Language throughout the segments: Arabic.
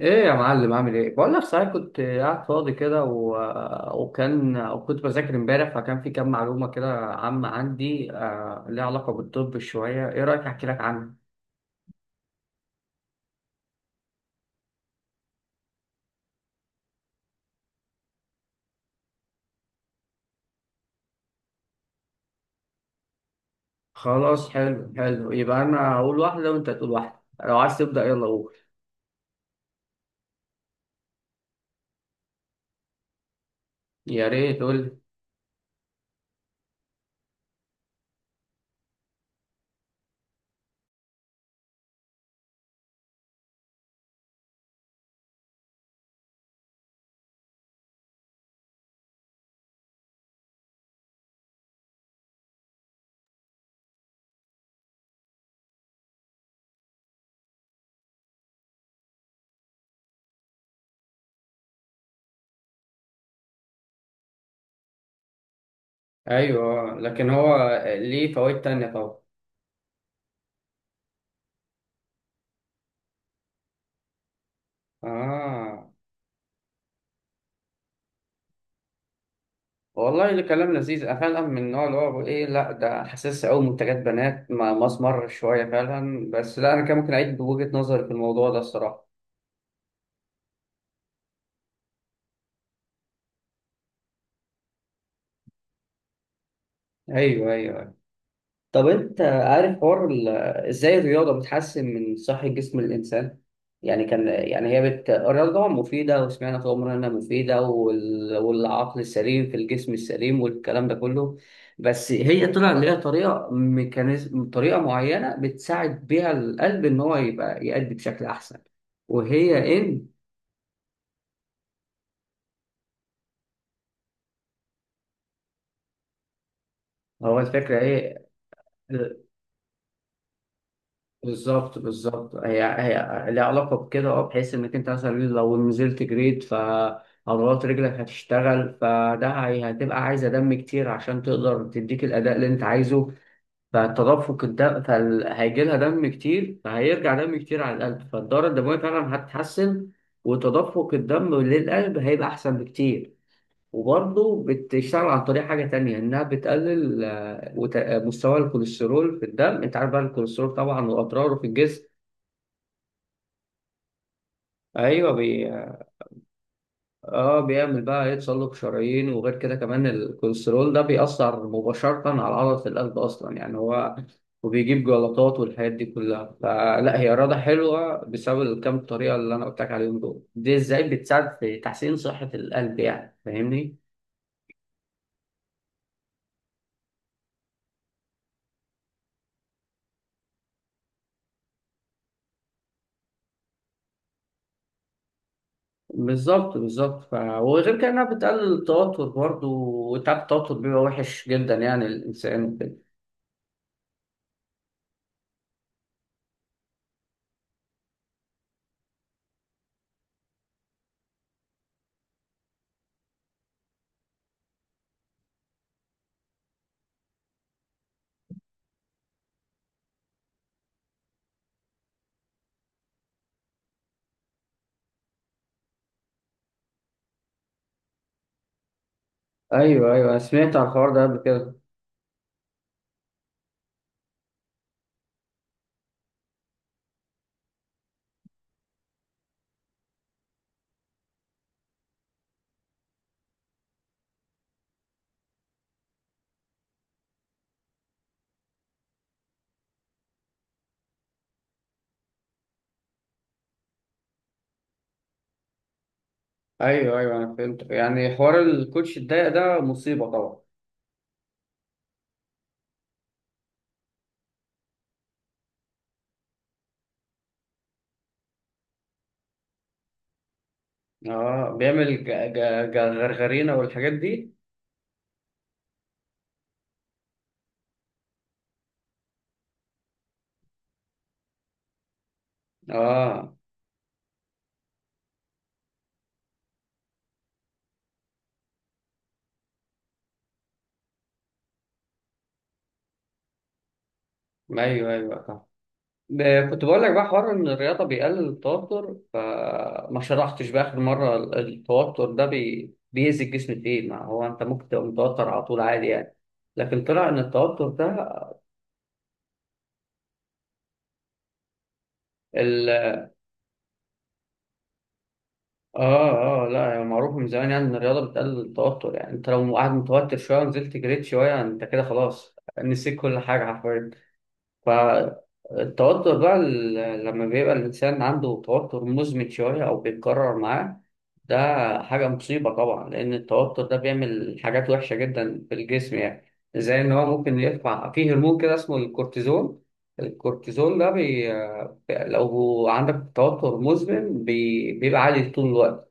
ايه يا معلم، عامل ايه؟ بقول لك، صحيح، كنت قاعد فاضي كده و... وكان وكنت بذاكر امبارح، فكان في كام معلومه كده عامه عندي ليها علاقه بالطب شويه. ايه رايك احكي لك عنها؟ خلاص، حلو حلو، يبقى انا هقول واحده وانت تقول واحده. لو عايز تبدا، يلا قول. يا ريت قول لي. ايوه، لكن هو ليه فوائد تانية طبعا. اه، والله اللي كلام لذيذ. أنا فعلا من النوع اللي هو بقول ايه، لا ده حاسس أوي منتجات بنات، ما مسمر شوية فعلا. بس لا، أنا كان ممكن أعيد بوجهة نظري في الموضوع ده الصراحة. أيوه أيوه. طب انت عارف حوار ازاي الرياضه بتحسن من صحه جسم الانسان؟ يعني كان يعني هي الرياضه طبعا مفيده، وسمعنا طول عمرنا انها مفيده، والعقل السليم في الجسم السليم والكلام ده كله. بس هي طلع ليها طريقه، ميكانيزم، طريقه معينه بتساعد بيها القلب ان هو يبقى يأدي بشكل احسن. وهي ان هو، الفكره ايه؟ بالظبط بالظبط، هي ليها علاقة بكده. اه، بحيث انك انت مثلا لو نزلت جريد، فعضلات رجلك هتشتغل، فده هتبقى عايزة دم كتير عشان تقدر تديك الأداء اللي انت عايزه. فالتدفق الدم، فهيجي لها دم كتير، فهيرجع دم كتير على القلب، فالدورة الدموية فعلا هتتحسن. وتدفق الدم للقلب هيبقى أحسن بكتير. وبرضه بتشتغل عن طريق حاجة تانية، إنها بتقلل مستوى الكوليسترول في الدم. أنت عارف بقى الكوليسترول طبعا وأضراره في الجسم. ايوه اه، بيعمل بقى يتسلق شرايين. وغير كده كمان الكوليسترول ده بيأثر مباشرة على عضلة القلب اصلا، يعني هو، وبيجيب جلطات والحاجات دي كلها. فلا هي رياضة حلوة بسبب الكام طريقة اللي انا قلت لك عليهم دول، دي ازاي بتساعد في تحسين صحة القلب، يعني فاهمني؟ بالظبط بالظبط، وغير كده انها بتقلل التوتر برضه، وتعب التوتر بيبقى وحش جدا يعني الانسان وكده. ايوه ايوه، سمعت على الحوار ده قبل كده. ايوه ايوه، انا فهمت، يعني حوار الكوتش الضيق ده مصيبه طبعا. اه، بيعمل غرغرينه والحاجات دي. اه ايوه ايوه صح. كنت بقول لك بقى حوار ان الرياضه بيقلل التوتر، فما شرحتش بقى اخر مره التوتر ده بيأذي الجسم في ايه. ما هو انت ممكن تبقى متوتر على طول عادي يعني، لكن طلع ان التوتر ده، اه اه لا، يعني معروف من زمان يعني ان الرياضه بتقلل التوتر. يعني انت لو قاعد متوتر شويه ونزلت جريت شويه، انت كده خلاص نسيت كل حاجه حرفيا. فالتوتر بقى لما بيبقى الانسان عنده توتر مزمن شويه او بيتكرر معاه، ده حاجه مصيبه طبعا. لان التوتر ده بيعمل حاجات وحشه جدا في الجسم، يعني زي ان هو ممكن يرفع فيه هرمون كده اسمه الكورتيزون. الكورتيزون ده لو عندك توتر مزمن بيبقى عالي طول الوقت.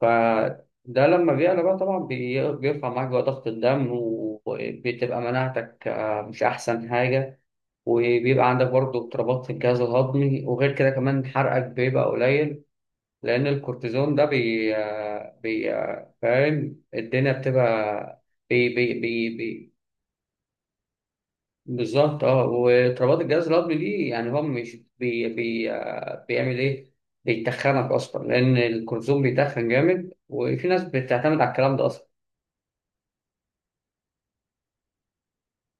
فده لما بيعلى بقى طبعا بيرفع معاك بقى ضغط الدم، وبتبقى مناعتك مش أحسن حاجة. وبيبقى عندك برضه اضطرابات في الجهاز الهضمي، وغير كده كمان حرقك بيبقى قليل. لأن الكورتيزون ده بي, آه، بي آه، فاهم، الدنيا بتبقى بي بي بي بي بالظبط اه، واضطرابات الجهاز الهضمي دي، يعني هو مش بي بي آه، بيعمل ايه؟ بيتخنك اصلا، لان الكورتيزون بيتخن جامد، وفي ناس بتعتمد على الكلام ده اصلا.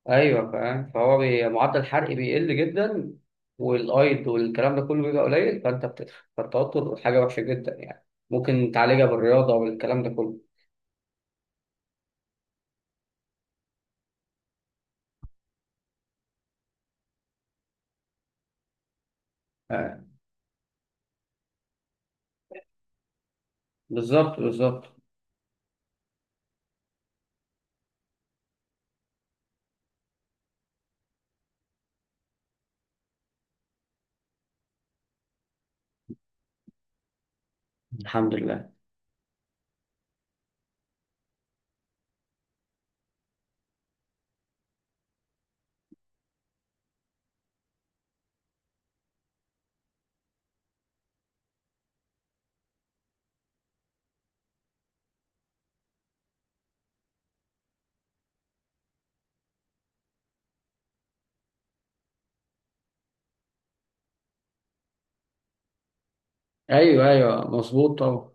ايوه فاهم، فهو معدل الحرق بيقل جدا، والايض والكلام ده كله بيبقى قليل، فانت بتتخن. فالتوتر حاجه وحشه جدا يعني، ممكن تعالجها بالرياضه والكلام ده كله. آه. بالظبط بالظبط. الحمد لله. ايوه ايوه مظبوط طبعا.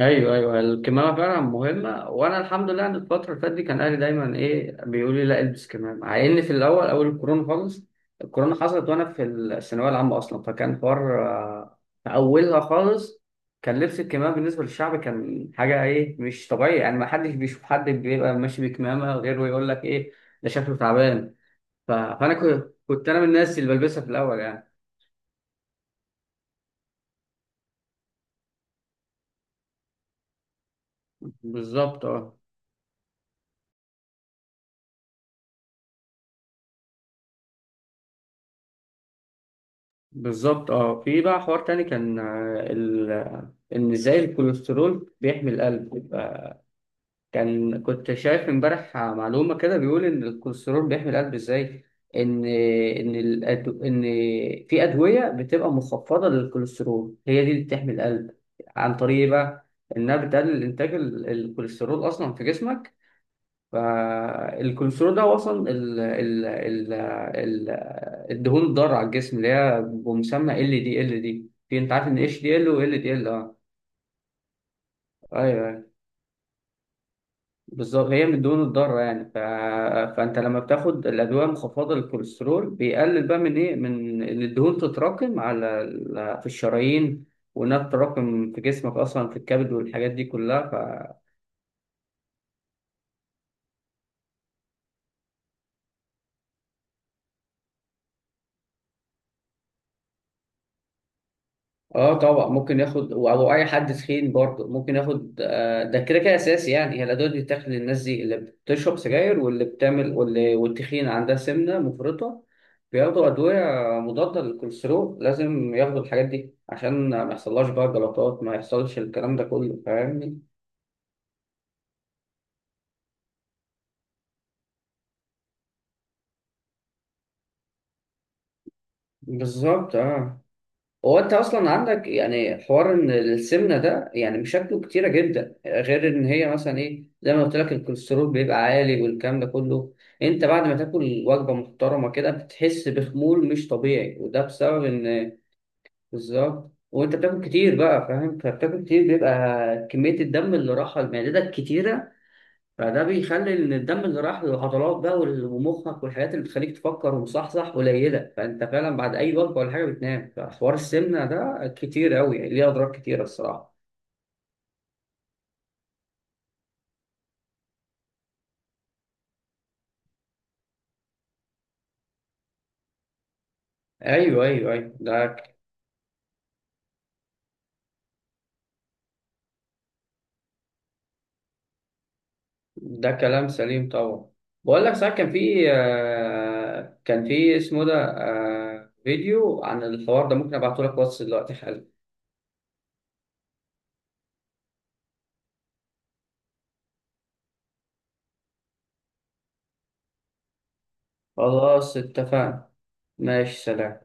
ايوه ايوه، الكمامه فعلا مهمه. وانا الحمد لله ان الفتره اللي فاتت دي كان اهلي دايما ايه بيقولوا لي لا البس كمامه، مع ان في الاول اول الكورونا خالص، الكورونا حصلت وانا في الثانويه العامه اصلا، فكان حوار في اولها خالص. كان لبس الكمامه بالنسبه للشعب كان حاجه ايه مش طبيعي، يعني ما حدش بيشوف حد بيبقى ماشي بكمامه غير ويقول لك ايه، ده شكله تعبان. فانا كنت انا من الناس اللي بلبسها في الاول يعني. بالظبط اه. بالظبط اه، في بقى حوار تاني كان ان ازاي الكوليسترول بيحمي القلب. كنت شايف امبارح معلومة كده بيقول ان الكوليسترول بيحمي القلب ازاي. ان في ادوية بتبقى مخفضة للكوليسترول، هي دي اللي بتحمي القلب. عن طريق إيه بقى؟ انها بتقلل انتاج الكوليسترول اصلا في جسمك. فالكوليسترول ده وصل ال ال ال ال الدهون الضارة على الجسم، اللي هي بمسمى LDL، في انت عارف ان HDL وLDL، اه. ايوه أيوة. بالظبط، هي من الدهون الضاره يعني. فانت لما بتاخد الادويه المخفضه للكوليسترول بيقلل بقى من ايه، من ان الدهون تتراكم على في الشرايين، وانها تتراكم في جسمك اصلا في الكبد والحاجات دي كلها. اه طبعا ممكن ياخد، او اي حد تخين برضه ممكن ياخد، ده كده كده اساسي. يعني هي الادويه دي بتاخد للناس دي، اللي بتشرب سجاير واللي بتعمل واللي والتخين عندها سمنه مفرطه، بياخدوا ادويه مضاده للكوليسترول. لازم ياخدوا الحاجات دي عشان ما يحصلهاش بقى جلطات، ما يحصلش الكلام ده كله، فاهمني؟ بالظبط اه. هو انت اصلا عندك يعني حوار ان السمنه ده يعني مشاكله كتيره جدا، غير ان هي مثلا ايه زي ما قلت لك الكوليسترول بيبقى عالي والكلام ده كله. انت بعد ما تاكل وجبه محترمه كده بتحس بخمول مش طبيعي، وده بسبب ان، بالظبط، وانت بتاكل كتير بقى فاهم، فبتاكل كتير بيبقى كميه الدم اللي رايحه لمعدتك كتيره. فده بيخلي ان الدم اللي راح للعضلات بقى ومخك والحاجات اللي بتخليك تفكر ومصحصح قليله، فانت فعلا بعد اي وجبه ولا حاجه بتنام. فحوار السمنه ده كتير قوي يعني، ليه اضرار كتيره الصراحه. ايوه ايوه ايوه، ده كلام سليم طبعا. بقول لك ساعات كان في كان في اسمه ده فيديو عن الحوار ده، ممكن ابعته لك واتس دلوقتي حالا. خلاص اتفقنا. ماشي، سلام.